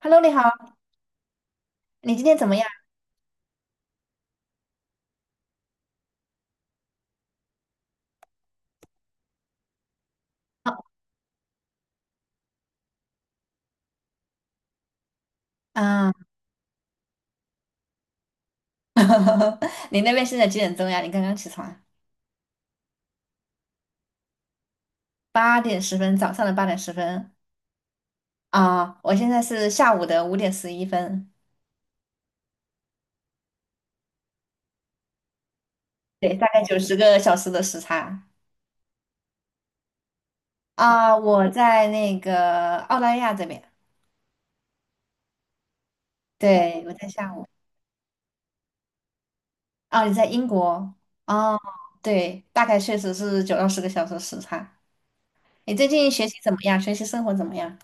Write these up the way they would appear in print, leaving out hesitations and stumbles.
Hello，你好，你今天怎么样啊？你那边现在几点钟呀？你刚刚起床？八点十分，早上的八点十分啊，我现在是下午的5:11，对，大概90个小时的时差啊。我在那个澳大利亚这边，对，我在下午哦，你在英国哦，对，大概确实是9到10个小时时差。你最近学习怎么样？学习生活怎么样？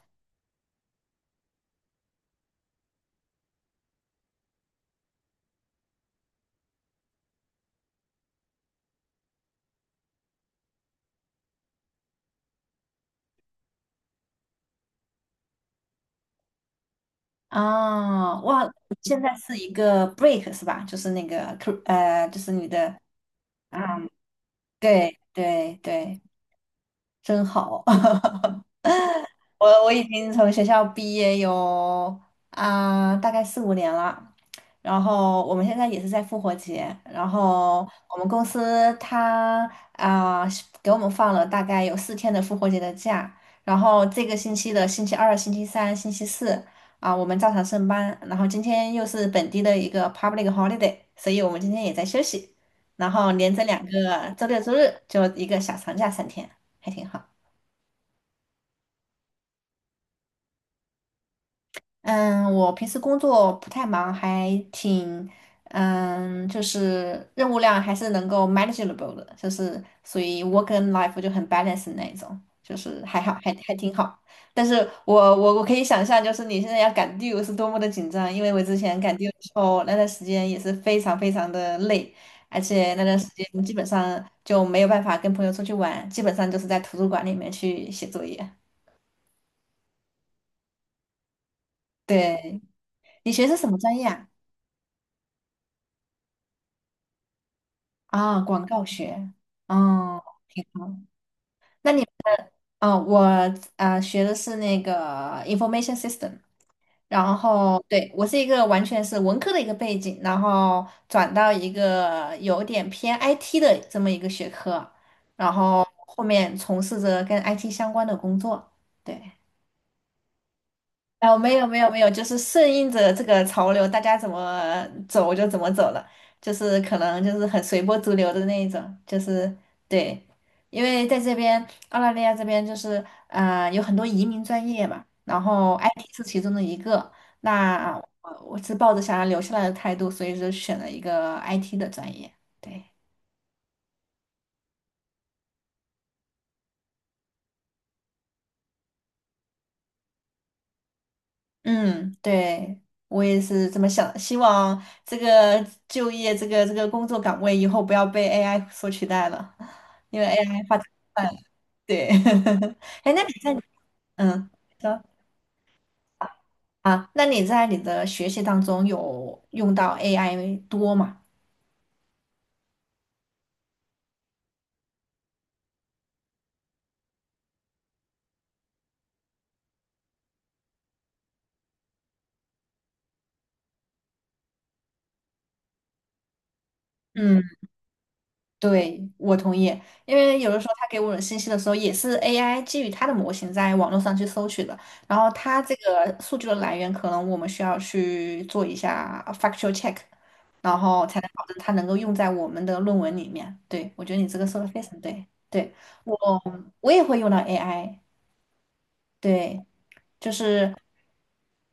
啊，哇，现在是一个 break 是吧？就是那个 就是你的，嗯，对对对，真好。我已经从学校毕业有大概四五年了，然后我们现在也是在复活节，然后我们公司它是给我们放了大概有4天的复活节的假，然后这个星期的星期二、星期三、星期四我们照常上班，然后今天又是本地的一个 public holiday，所以我们今天也在休息，然后连着两个周六周日就一个小长假3天，还挺好。嗯，我平时工作不太忙，还挺，嗯，就是任务量还是能够 manageable 的，就是所以 work and life 就很 balance 那一种，就是还好，还挺好。但是我可以想象，就是你现在要赶 due 是多么的紧张，因为我之前赶 due 的时候，那段时间也是非常非常的累，而且那段时间基本上就没有办法跟朋友出去玩，基本上就是在图书馆里面去写作业。对，你学的是什么专业啊？啊，广告学，嗯，挺好。那你，哦，我学的是那个information system，然后对我是一个完全是文科的一个背景，然后转到一个有点偏 IT 的这么一个学科，然后后面从事着跟 IT 相关的工作。对。哦，没有没有没有，就是顺应着这个潮流，大家怎么走就怎么走了，就是可能就是很随波逐流的那一种，就是对，因为在这边澳大利亚这边就是有很多移民专业嘛，然后 IT 是其中的一个，那我是抱着想要留下来的态度，所以就选了一个 IT 的专业，对。嗯，对，我也是这么想，希望这个就业这个这个工作岗位以后不要被 AI 所取代了，因为 AI 发展快了。对，哎，那你在，嗯，说啊，那你在你的学习当中有用到 AI 多吗？嗯。对，我同意，因为有的时候他给我的信息的时候，也是 AI 基于它的模型在网络上去搜取的，然后它这个数据的来源，可能我们需要去做一下 factual check，然后才能保证它能够用在我们的论文里面。对，我觉得你这个说的非常对，对，我我也会用到 AI，对。就是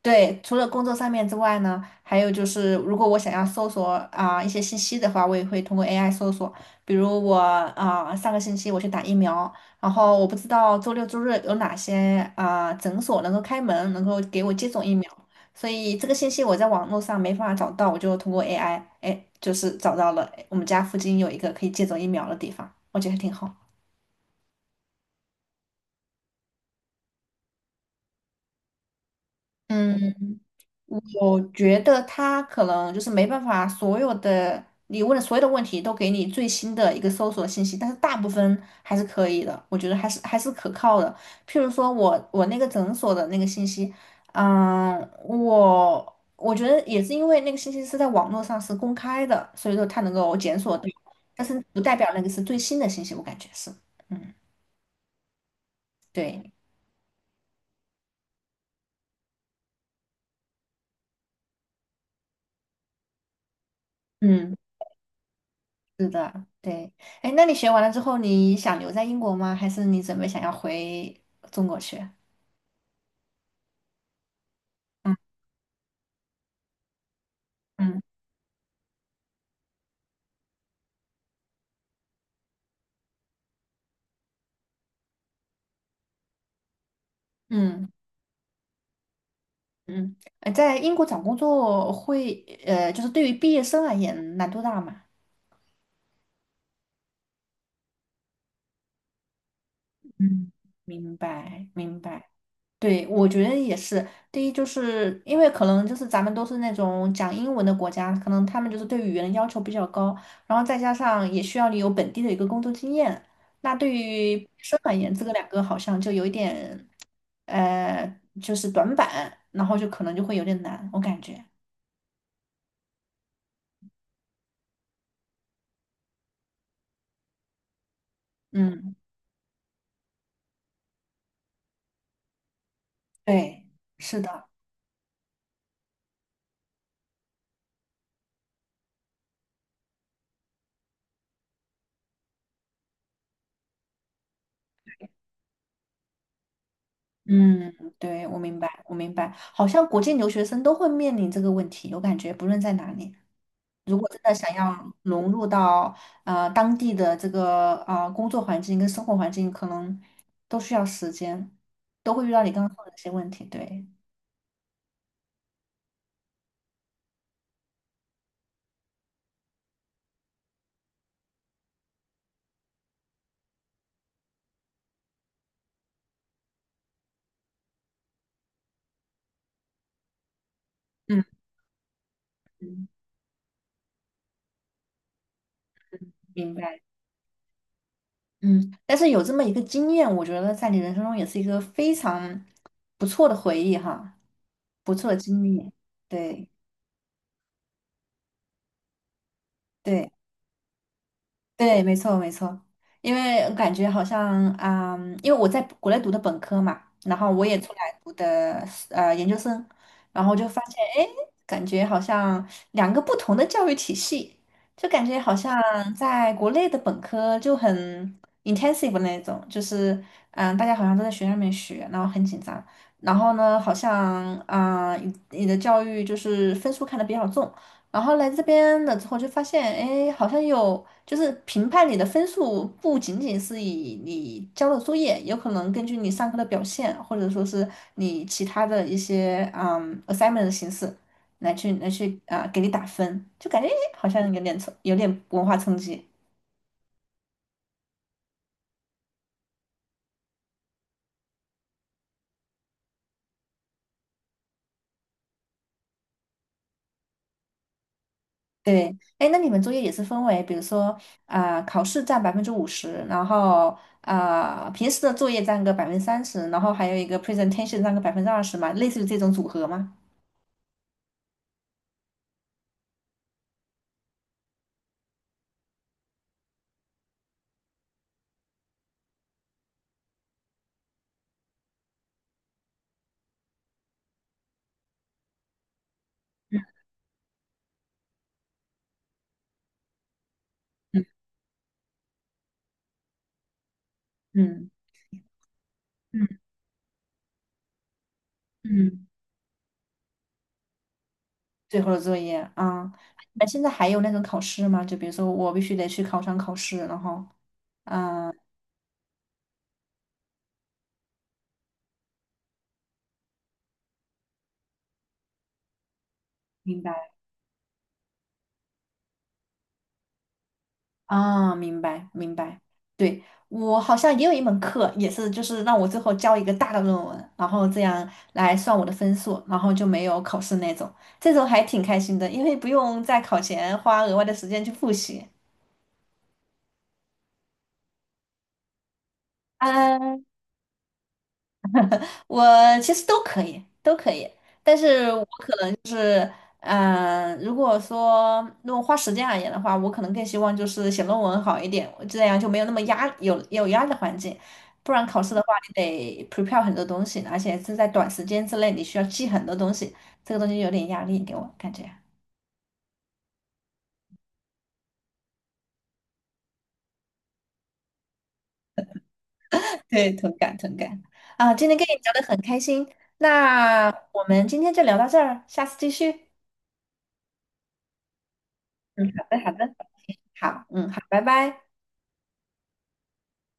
对，除了工作上面之外呢，还有就是，如果我想要搜索一些信息的话，我也会通过 AI 搜索。比如我上个星期我去打疫苗，然后我不知道周六周日有哪些诊所能够开门，能够给我接种疫苗，所以这个信息我在网络上没办法找到，我就通过 AI，哎，就是找到了我们家附近有一个可以接种疫苗的地方，我觉得挺好。嗯。我觉得他可能就是没办法，所有的你问的所有的问题都给你最新的一个搜索信息，但是大部分还是可以的，我觉得还是可靠的。譬如说我那个诊所的那个信息，嗯，我觉得也是因为那个信息是在网络上是公开的，所以说它能够检索到，但是不代表那个是最新的信息，我感觉是，嗯，对，嗯。是的，对。哎，那你学完了之后，你想留在英国吗？还是你准备想要回中国去？嗯嗯嗯嗯。在英国找工作会，就是对于毕业生而言，难度大吗？嗯，明白明白。对，我觉得也是。第一，就是因为可能就是咱们都是那种讲英文的国家，可能他们就是对语言的要求比较高，然后再加上也需要你有本地的一个工作经验。那对于毕业生而言，这个两个好像就有一点，呃，就是短板，然后就可能就会有点难，我感觉。嗯，对，是的，嗯，对，我明白，我明白。好像国际留学生都会面临这个问题，我感觉不论在哪里。如果真的想要融入到当地的这个工作环境跟生活环境，可能都需要时间，都会遇到你刚刚说的这些问题。对，嗯嗯，明白。嗯，但是有这么一个经验，我觉得在你人生中也是一个非常不错的回忆哈，不错的经历。对对。对，没错没错，因为感觉好像因为我在国内读的本科嘛，然后我也出来读的研究生，然后就发现，哎，感觉好像两个不同的教育体系，就感觉好像在国内的本科就很 intensive 的那种，就是大家好像都在学校里面学，然后很紧张，然后呢，好像你的教育就是分数看得比较重。然后来这边了之后就发现，哎，好像有，就是评判你的分数不仅仅是以你交的作业，有可能根据你上课的表现，或者说是你其他的一些assignment 的形式来去给你打分，就感觉诶好像有点文化冲击。对，哎，那你们作业也是分为，比如说考试占50%，然后平时的作业占个30%，然后还有一个 presentation 占个20%嘛，类似于这种组合吗？嗯嗯嗯嗯，最后的作业啊，那现在还有那种考试吗？就比如说我必须得去考场考试，然后，嗯，明白啊，明白明白。对，我好像也有一门课，也是就是让我最后交一个大的论文，然后这样来算我的分数，然后就没有考试那种，这种还挺开心的，因为不用在考前花额外的时间去复习。嗯，我其实都可以，都可以。但是嗯，如果花时间而言的话，我可能更希望就是写论文好一点，这样就没有那么有压力的环境。不然考试的话，你得 prepare 很多东西，而且是在短时间之内，你需要记很多东西，这个东西有点压力给我感觉。对，同感同感。啊，今天跟你聊得很开心，那我们今天就聊到这儿，下次继续。嗯，好的好的，好，嗯好，拜拜。